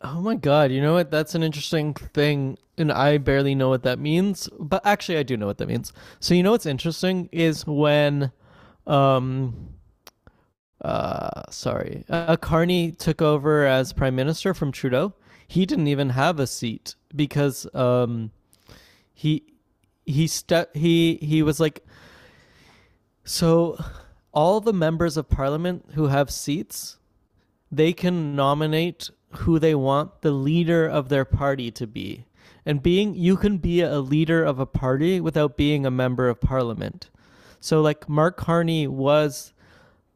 Oh my god, you know what? That's an interesting thing, and I barely know what that means. But actually, I do know what that means. So you know what's interesting is when, um, sorry, Carney took over as prime minister from Trudeau. He didn't even have a seat because he he stu- he was like so all the members of parliament who have seats, they can nominate who they want the leader of their party to be. And being you can be a leader of a party without being a member of parliament. So like Mark Carney was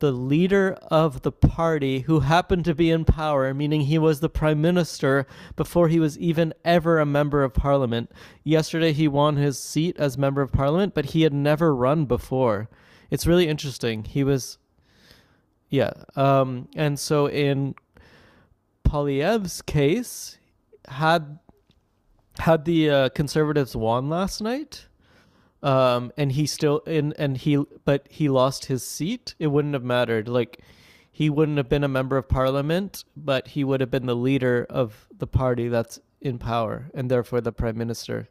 the leader of the party who happened to be in power, meaning he was the prime minister before he was even ever a member of parliament. Yesterday he won his seat as member of parliament, but he had never run before. It's really interesting. He was Yeah. And so in Polyev's case, had had the conservatives won last night. And he but He lost his seat. It wouldn't have mattered. Like, he wouldn't have been a member of parliament, but he would have been the leader of the party that's in power and therefore the prime minister.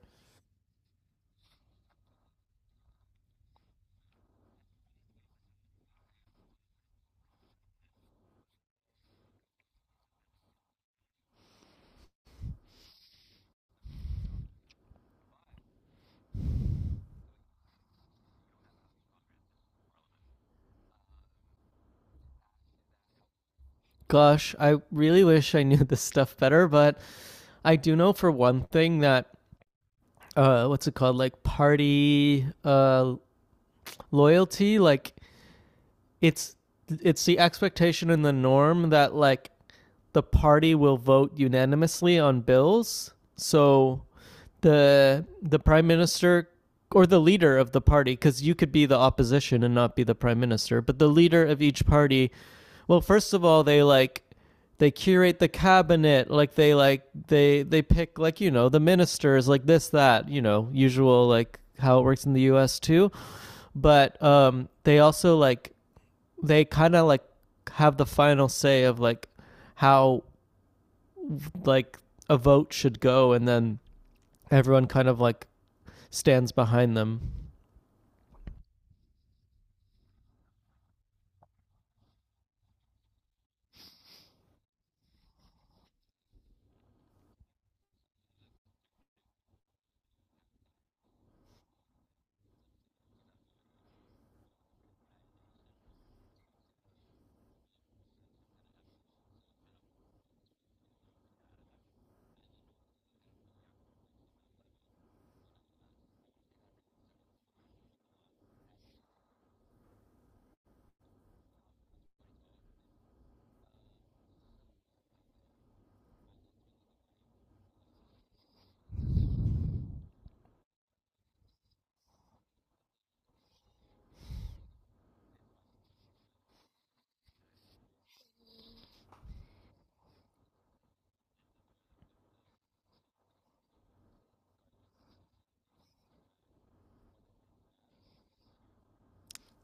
Gosh, I really wish I knew this stuff better, but I do know for one thing that, what's it called? Like, party loyalty, like, it's it's the expectation and the norm that like the party will vote unanimously on bills. So the prime minister, or the leader of the party, because you could be the opposition and not be the prime minister but the leader of each party. Well, first of all, they like, they curate the cabinet, like, they like they pick, like, the ministers, like this, that, usual, like how it works in the US too. But they also, like, they kind of like have the final say of, like, how, like, a vote should go, and then everyone kind of like stands behind them.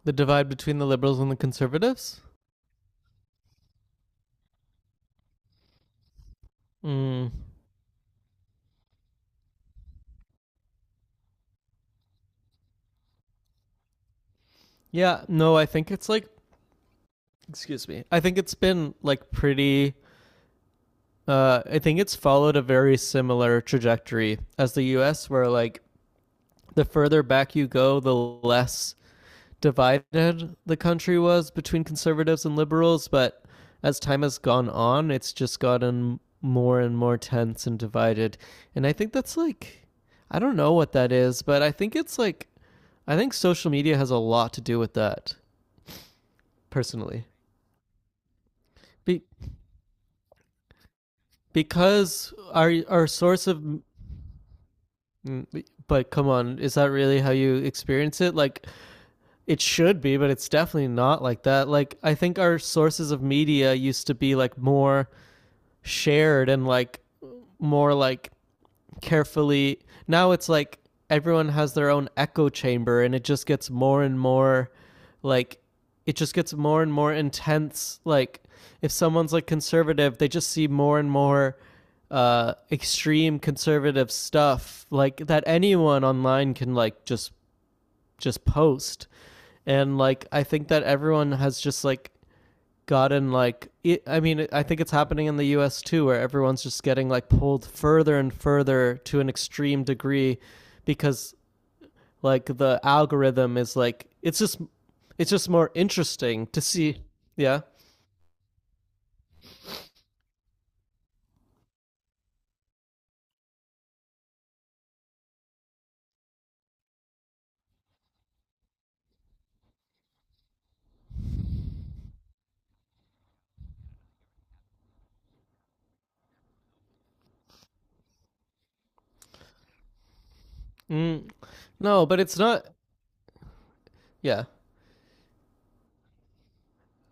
The divide between the liberals and the conservatives. Mm. Yeah, no, I think it's like, excuse me, I think it's been like pretty, I think it's followed a very similar trajectory as the US, where like, the further back you go, the less divided the country was between conservatives and liberals. But as time has gone on, it's just gotten more and more tense and divided. And I think that's like, I don't know what that is, but I think it's like, I think social media has a lot to do with that, personally. Be- because our source of. But come on, is that really how you experience it? Like, it should be, but it's definitely not like that. Like, I think our sources of media used to be, like, more shared, and, like, more, like, carefully. Now it's like, everyone has their own echo chamber, and it just gets more and more, like, it just gets more and more intense. Like, if someone's like conservative, they just see more and more extreme conservative stuff, like that anyone online can, like, just post. And like, I think that everyone has just like gotten, like, it, I mean, I think it's happening in the US too, where everyone's just getting, like, pulled further and further to an extreme degree. Because, like, the algorithm is, like, it's just more interesting to see. Yeah. Mm. No, but it's not. Yeah.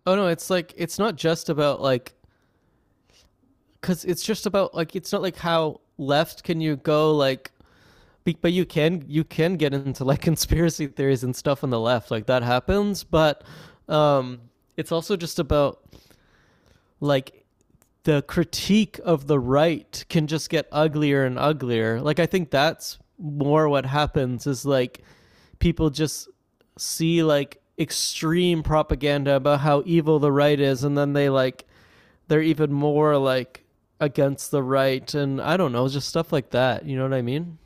Oh no, it's like, it's not just about, like, because it's just about, like, it's not like how left can you go, like. But you can get into, like, conspiracy theories and stuff on the left, like, that happens. But um it's also just about, like, the critique of the right can just get uglier and uglier. Like, I think that's more what happens is, like, people just see, like, extreme propaganda about how evil the right is, and then they, like, they're even more like against the right, and I don't know, just stuff like that, you know what I mean?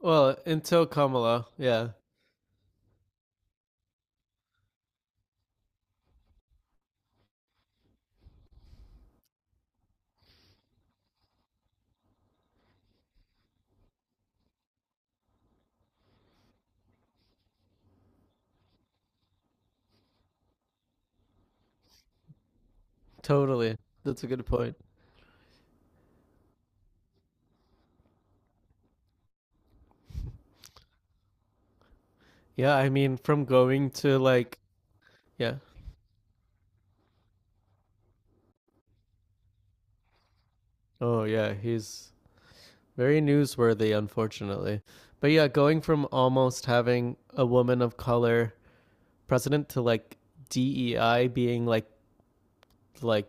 Well, until Kamala, yeah. Totally. That's a good point. Yeah, I mean, from going to, like, yeah. Oh, yeah, he's very newsworthy, unfortunately. But yeah, going from almost having a woman of color president to, like, DEI being like, like,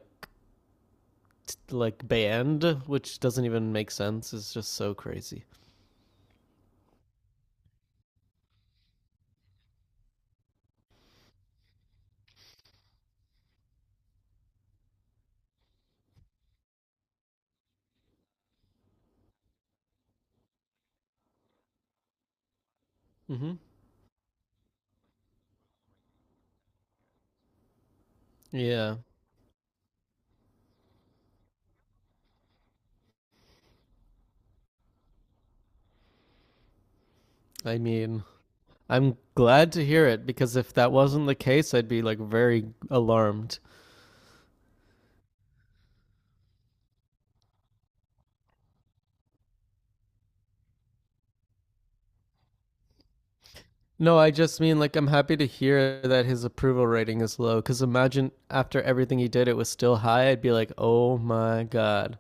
banned, which doesn't even make sense, is just so crazy. Mm-hmm. Yeah, I mean, I'm glad to hear it because if that wasn't the case, I'd be, like, very alarmed. No, I just mean like I'm happy to hear that his approval rating is low. Because imagine after everything he did, it was still high. I'd be like, oh my god.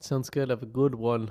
Sounds good. Have a good one.